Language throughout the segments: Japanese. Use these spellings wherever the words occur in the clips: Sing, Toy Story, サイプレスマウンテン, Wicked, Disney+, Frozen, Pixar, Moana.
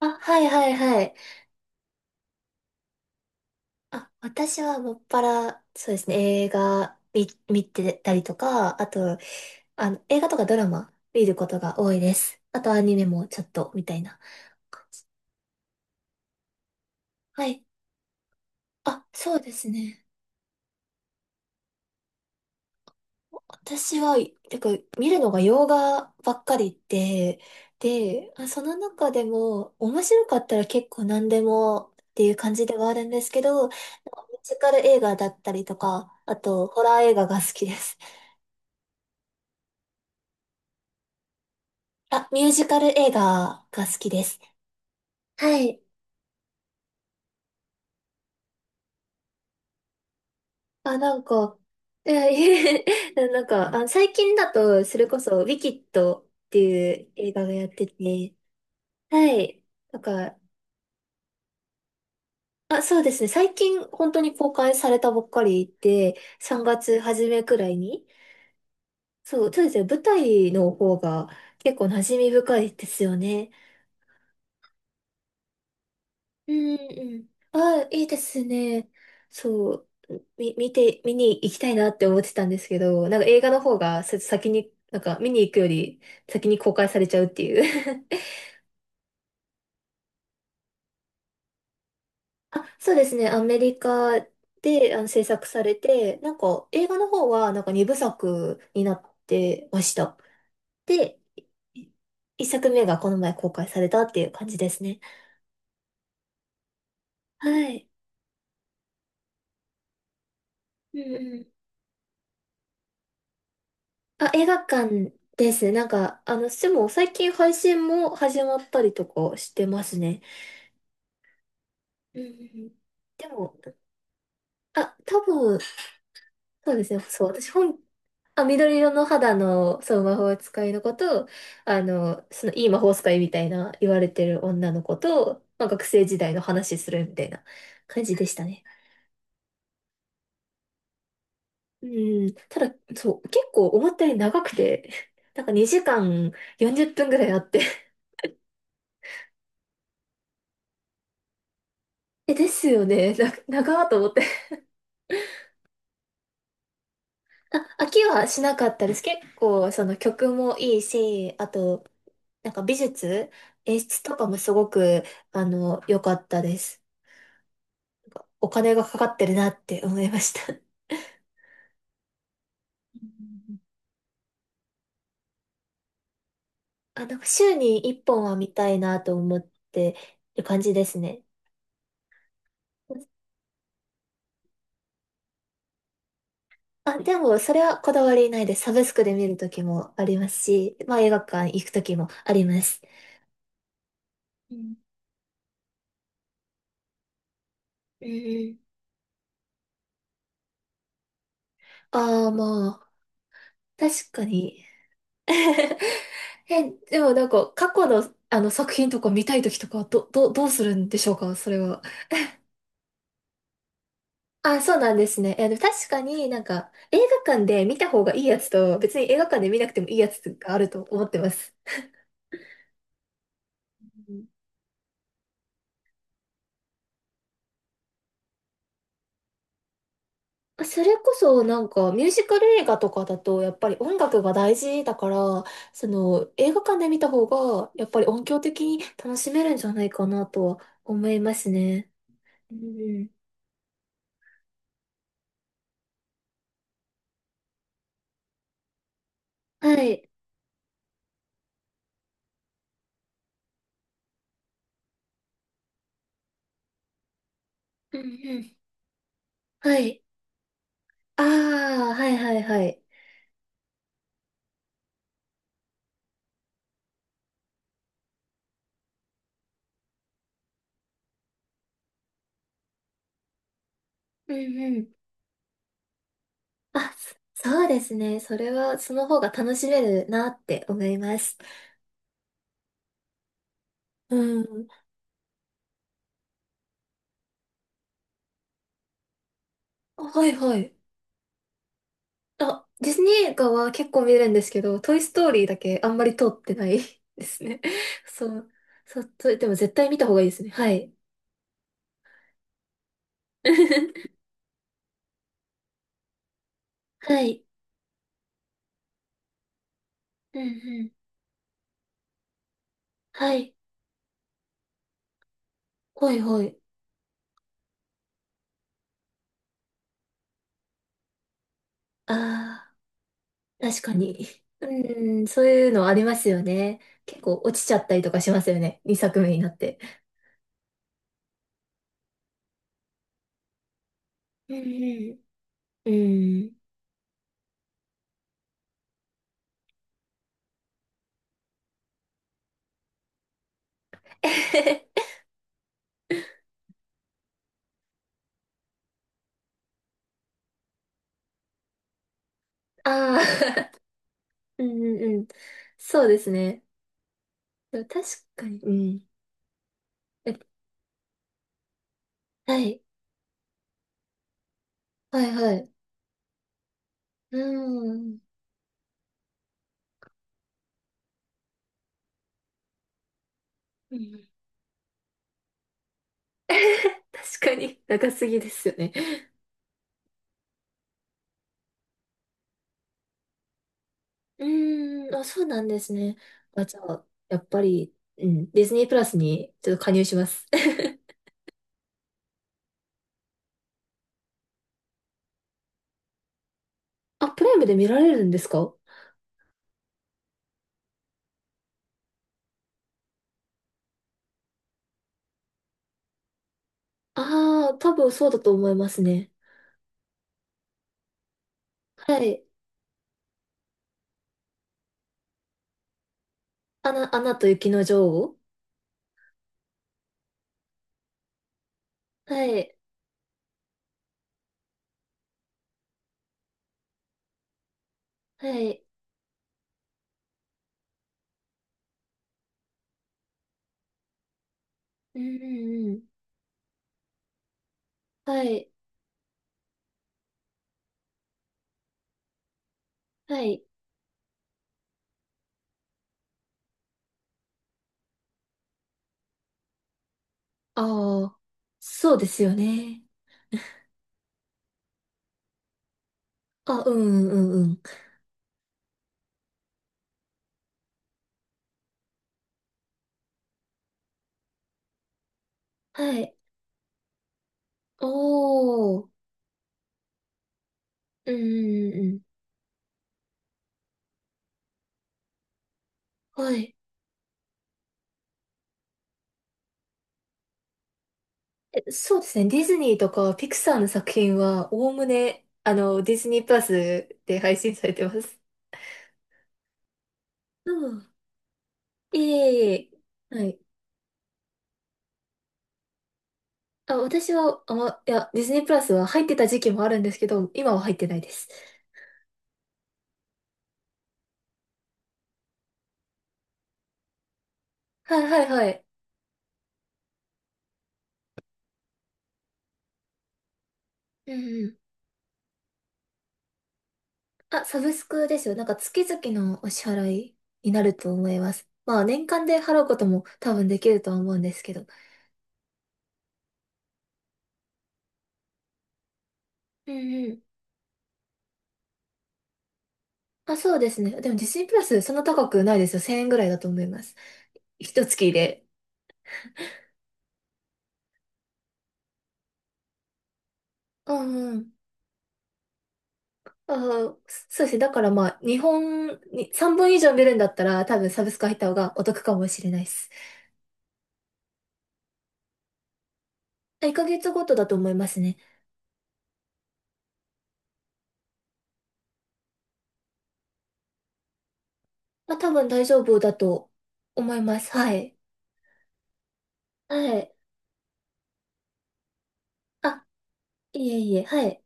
あ、はいはいはい。あ、私はもっぱら、そうですね、映画見てたりとか、あと、映画とかドラマ見ることが多いです。あとアニメもちょっと、みたいな。はい。あ、そうですね。私は、てか、見るのが洋画ばっかりで、で、その中でも、面白かったら結構何でもっていう感じではあるんですけど、ミュージカル映画だったりとか、あと、ホラー映画が好きです。あ、ミュージカル映画が好きです。はい。あ、なんか、え なんか、あ、最近だと、それこそ、ウィキッドっていう映画がやってて、はい。なんか、あ、そうですね。最近、本当に公開されたばっかりで、3月初めくらいに。そう、そうですね。舞台の方が結構馴染み深いですよね。うんうん。ああ、いいですね。そう、み、見て、見に行きたいなって思ってたんですけど、なんか映画の方がさ先に、なんか見に行くより先に公開されちゃうっていう。 あ、そうですね。アメリカで制作されて、なんか映画の方はなんか2部作になってました。で、1作目がこの前公開されたっていう感じですね。はい。うん。あ、映画館ですね。なんか、でも最近配信も始まったりとかしてますね。うんうんうん。でも、あ、多分、そうですね。そう、私本、あ、緑色の肌の、そう、魔法使いの子と、その、いい魔法使いみたいな言われてる女の子と、まあ、学生時代の話するみたいな感じでしたね。うん、ただ、そう、結構思ったより長くて、なんか2時間40分ぐらいあって、え、ですよね。長ーと思って。あ、飽きはしなかったです。結構、その曲もいいし、あと、なんか美術、演出とかもすごく、良かったです。お金がかかってるなって思いました。うん。あ、なんか週に一本は見たいなと思ってる感じですね。あ、でも、それはこだわりないです。サブスクで見るときもありますし、まあ映画館行くときもあります。うんうんうん。ああ、まあ、確かに。え、でもなんか過去の、あの作品とか見たい時とかはどうするんでしょうか、それは。あ、そうなんですね。え、でも確かになんか映画館で見た方がいいやつと別に映画館で見なくてもいいやつがあると思ってます。うん。それこそなんかミュージカル映画とかだとやっぱり音楽が大事だからその映画館で見た方がやっぱり音響的に楽しめるんじゃないかなとは思いますね。うんうん。はい。うんうん。はい。ああ、はいはいはい。うんうん。あ、そうですね。それは、その方が楽しめるなって思います。うん。あ、はいはい。あ、ディズニー映画は結構見れるんですけど、トイストーリーだけあんまり通ってない ですね。そう。そう、それでも絶対見た方がいいですね。はい。はい。うんうん。はい。はいはい。ああ、確かに。うん、そういうのありますよね。結構落ちちゃったりとかしますよね。2作目になって。うんうんうん。ああ、うんうんうん。そうですね。でも確かに。うん。え、はい。はいはい。うん。うん。 確かに長すぎですよね。うん。あ、そうなんですね。あ、じゃあ、やっぱり、うん。ディズニープラスにちょっと加入します。あ、プライムで見られるんですか？ああー、多分そうだと思いますね。はい。アナと雪の女王。はい。はい。うんうんうん。はい。はい。ああ、そうですよね。あ、うんうんうんうん。はい。おー。うんうんうん。はい。え、そうですね。ディズニーとかピクサーの作品は、おおむね、ディズニープラスで配信されてます。うん。いえいえいえ。はい。あ、私は、いや、ディズニープラスは入ってた時期もあるんですけど、今は入ってないです。はいはいはい。うんうん。あ、サブスクですよ。なんか月々のお支払いになると思います。まあ年間で払うことも多分できるとは思うんですけど。うんうん。あ、そうですね。でもディズニープラスそんな高くないですよ。1000円ぐらいだと思います。一月で。うんうん。あー、そうですね。だからまあ日本に3本以上見るんだったら多分サブスク入った方がお得かもしれないです。1ヶ月ごとだと思いますね。まあ多分大丈夫だと思います。はい。はい。あ、いえいえ。はい。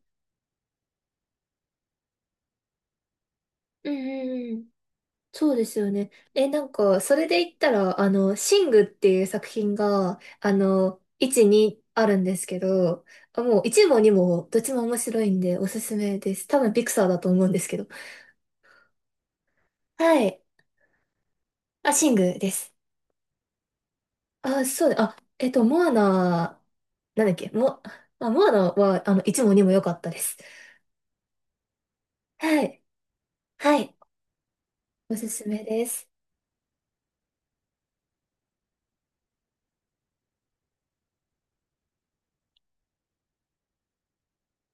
うんうんうん。そうですよね。え、なんか、それで言ったら、シングっていう作品が、1、2あるんですけど、あもう1も2もどっちも面白いんでおすすめです。多分ピクサーだと思うんですけど。はい。あ、シングです。あ、そうだ。あ、モアナ、なんだっけ、あ、モアナは、1も2も良かったです。はい。はい。おすすめです。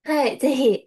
はい。ぜひ。